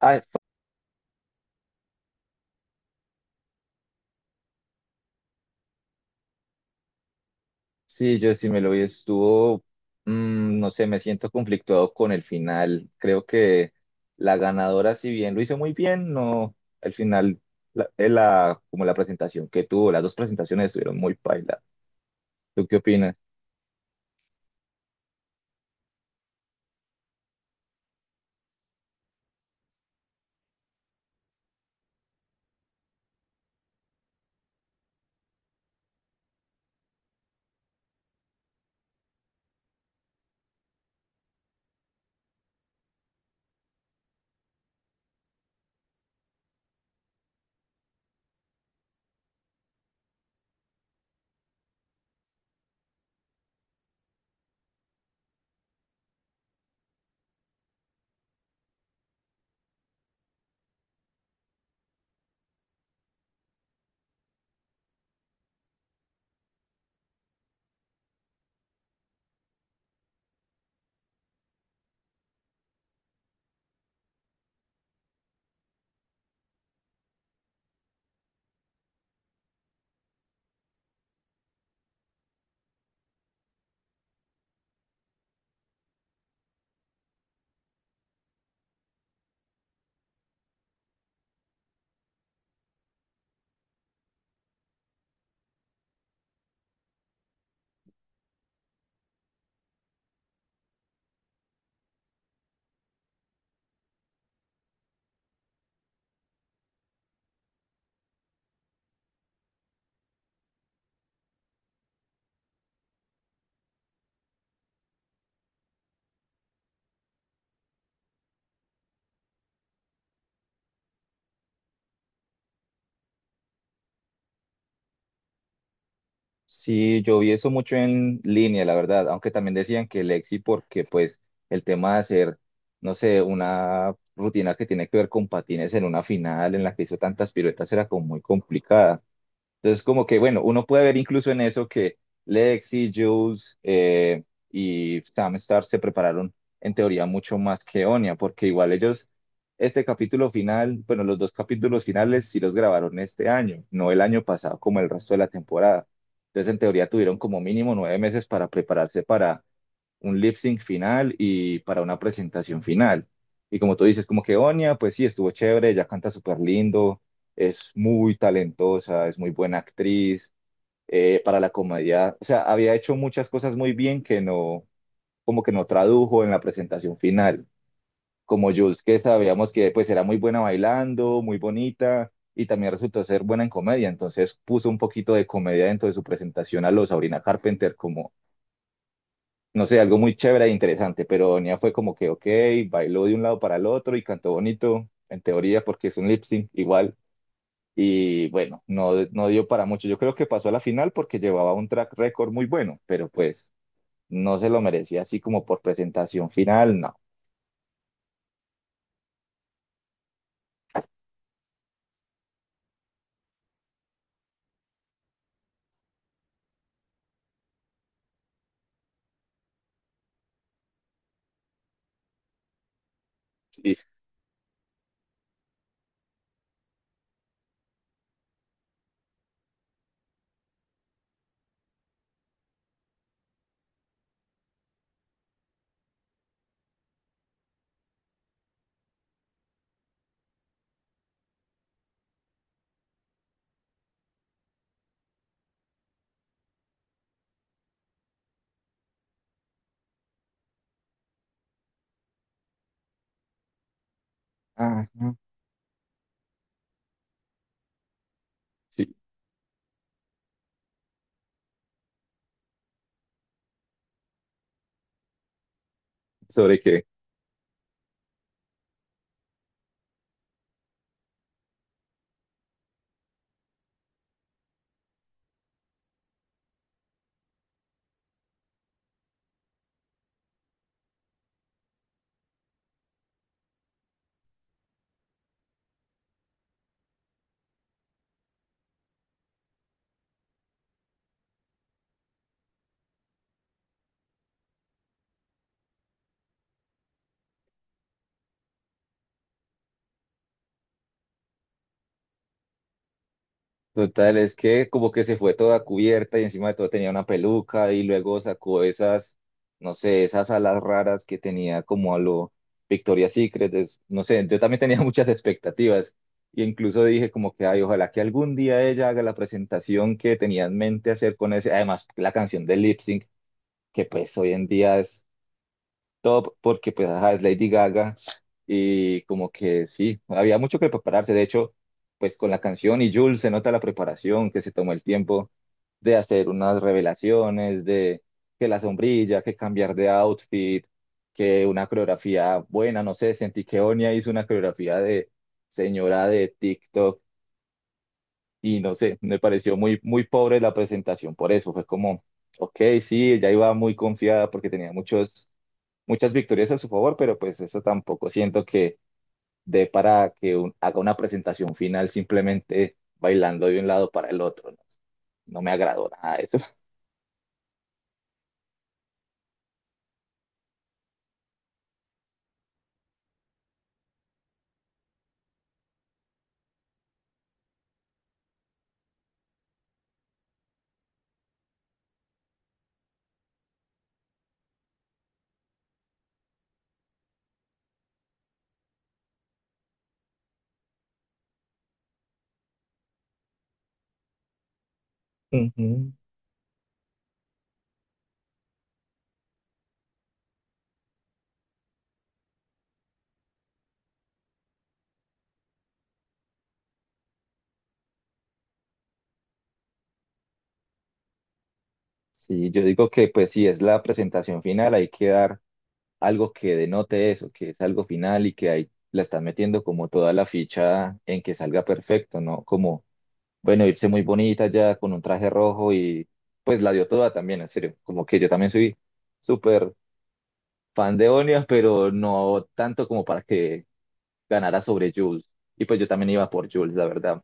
Ay, sí, yo sí me lo vi, estuvo, no sé, me siento conflictuado con el final. Creo que la ganadora, si bien lo hizo muy bien, no, al final, como la presentación que tuvo, las dos presentaciones estuvieron muy paila. ¿Tú qué opinas? Sí, yo vi eso mucho en línea, la verdad, aunque también decían que Lexi, porque pues el tema de hacer, no sé, una rutina que tiene que ver con patines en una final en la que hizo tantas piruetas era como muy complicada. Entonces, como que, bueno, uno puede ver incluso en eso que Lexi, Jules y Sam Star se prepararon en teoría mucho más que Onia, porque igual ellos, este capítulo final, bueno, los dos capítulos finales sí los grabaron este año, no el año pasado como el resto de la temporada. Entonces, en teoría tuvieron como mínimo 9 meses para prepararse para un lip sync final y para una presentación final. Y como tú dices, como que Onia, pues sí, estuvo chévere, ella canta súper lindo, es muy talentosa, es muy buena actriz, para la comedia, o sea, había hecho muchas cosas muy bien que no, como que no tradujo en la presentación final. Como Jules, que sabíamos que pues era muy buena bailando, muy bonita, y también resultó ser buena en comedia, entonces puso un poquito de comedia dentro de su presentación a los Sabrina Carpenter como no sé, algo muy chévere e interesante, pero Nia fue como que, ok, bailó de un lado para el otro y cantó bonito, en teoría, porque es un lip sync igual. Y bueno, no, no dio para mucho. Yo creo que pasó a la final porque llevaba un track record muy bueno, pero pues no se lo merecía así como por presentación final, no. Sí. Ah, no. Sí. ¿Sobre qué? Total, es que como que se fue toda cubierta y encima de todo tenía una peluca y luego sacó esas, no sé, esas alas raras que tenía como a lo Victoria's Secret, no sé, yo también tenía muchas expectativas y incluso dije como que, ay, ojalá que algún día ella haga la presentación que tenía en mente hacer con ese, además la canción de Lip Sync, que pues hoy en día es top porque pues ajá, es Lady Gaga y como que sí, había mucho que prepararse. De hecho, pues con la canción y Jules se nota la preparación, que se tomó el tiempo de hacer unas revelaciones, de que la sombrilla, que cambiar de outfit, que una coreografía buena, no sé, sentí que Onia hizo una coreografía de señora de TikTok y no sé, me pareció muy, muy pobre la presentación, por eso fue como, ok, sí, ella iba muy confiada porque tenía muchos muchas victorias a su favor, pero pues eso tampoco siento que dé para que haga una presentación final simplemente bailando de un lado para el otro. No, no me agradó nada eso. Ujú. Sí, yo digo que pues si es la presentación final, hay que dar algo que denote eso, que es algo final y que ahí la están metiendo como toda la ficha en que salga perfecto, ¿no? Como, bueno, irse muy bonita ya con un traje rojo y pues la dio toda también, en serio. Como que yo también soy súper fan de Onias, pero no tanto como para que ganara sobre Jules. Y pues yo también iba por Jules, la verdad.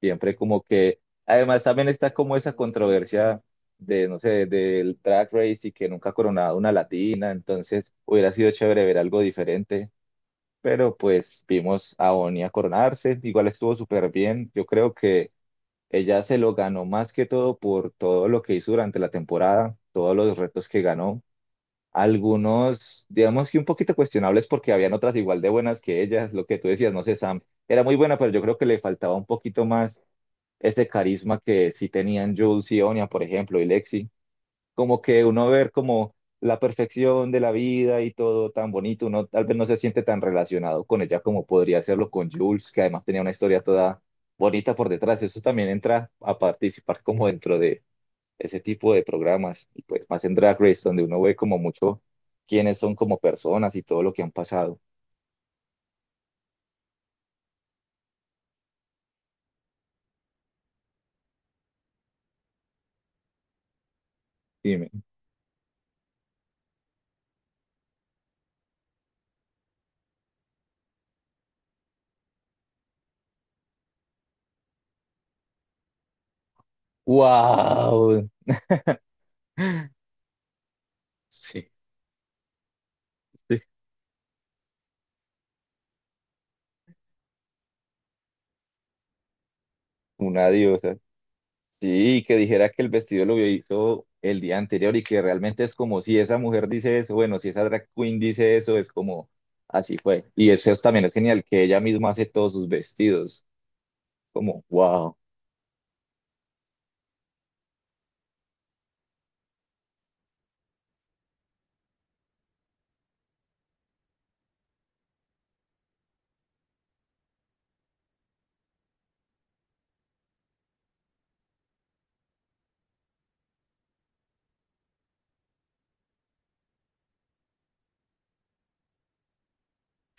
Siempre como que, además también está como esa controversia de, no sé, del track race y que nunca ha coronado una latina, entonces hubiera sido chévere ver algo diferente. Pero pues vimos a Onia coronarse, igual estuvo súper bien. Yo creo que ella se lo ganó más que todo por todo lo que hizo durante la temporada, todos los retos que ganó algunos, digamos que un poquito cuestionables porque habían otras igual de buenas que ellas lo que tú decías, no sé, Sam, era muy buena, pero yo creo que le faltaba un poquito más ese carisma que sí tenían Jules y Onya, por ejemplo, y Lexi. Como que uno ver como la perfección de la vida y todo tan bonito, uno tal vez no se siente tan relacionado con ella como podría hacerlo con Jules, que además tenía una historia toda bonita por detrás. Eso también entra a participar como dentro de ese tipo de programas, y pues más en Drag Race, donde uno ve como mucho quiénes son como personas y todo lo que han pasado. Dime. Wow. Sí, sí, una diosa. Sí, que dijera que el vestido lo hizo el día anterior y que realmente es como si esa mujer dice eso, bueno, si esa drag queen dice eso, es como así fue. Y eso también es genial, que ella misma hace todos sus vestidos, como wow.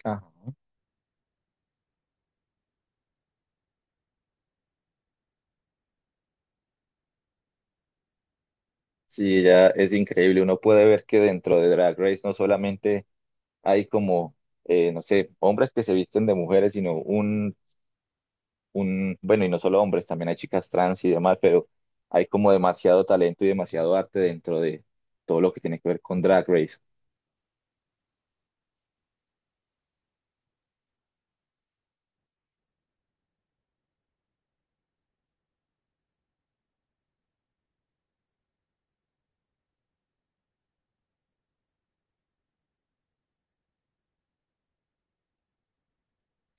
Ah, sí, ella es increíble. Uno puede ver que dentro de Drag Race no solamente hay como, no sé, hombres que se visten de mujeres, sino bueno, y no solo hombres, también hay chicas trans y demás, pero hay como demasiado talento y demasiado arte dentro de todo lo que tiene que ver con Drag Race.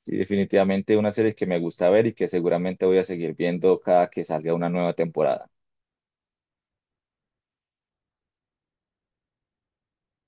Y definitivamente una serie que me gusta ver y que seguramente voy a seguir viendo cada que salga una nueva temporada.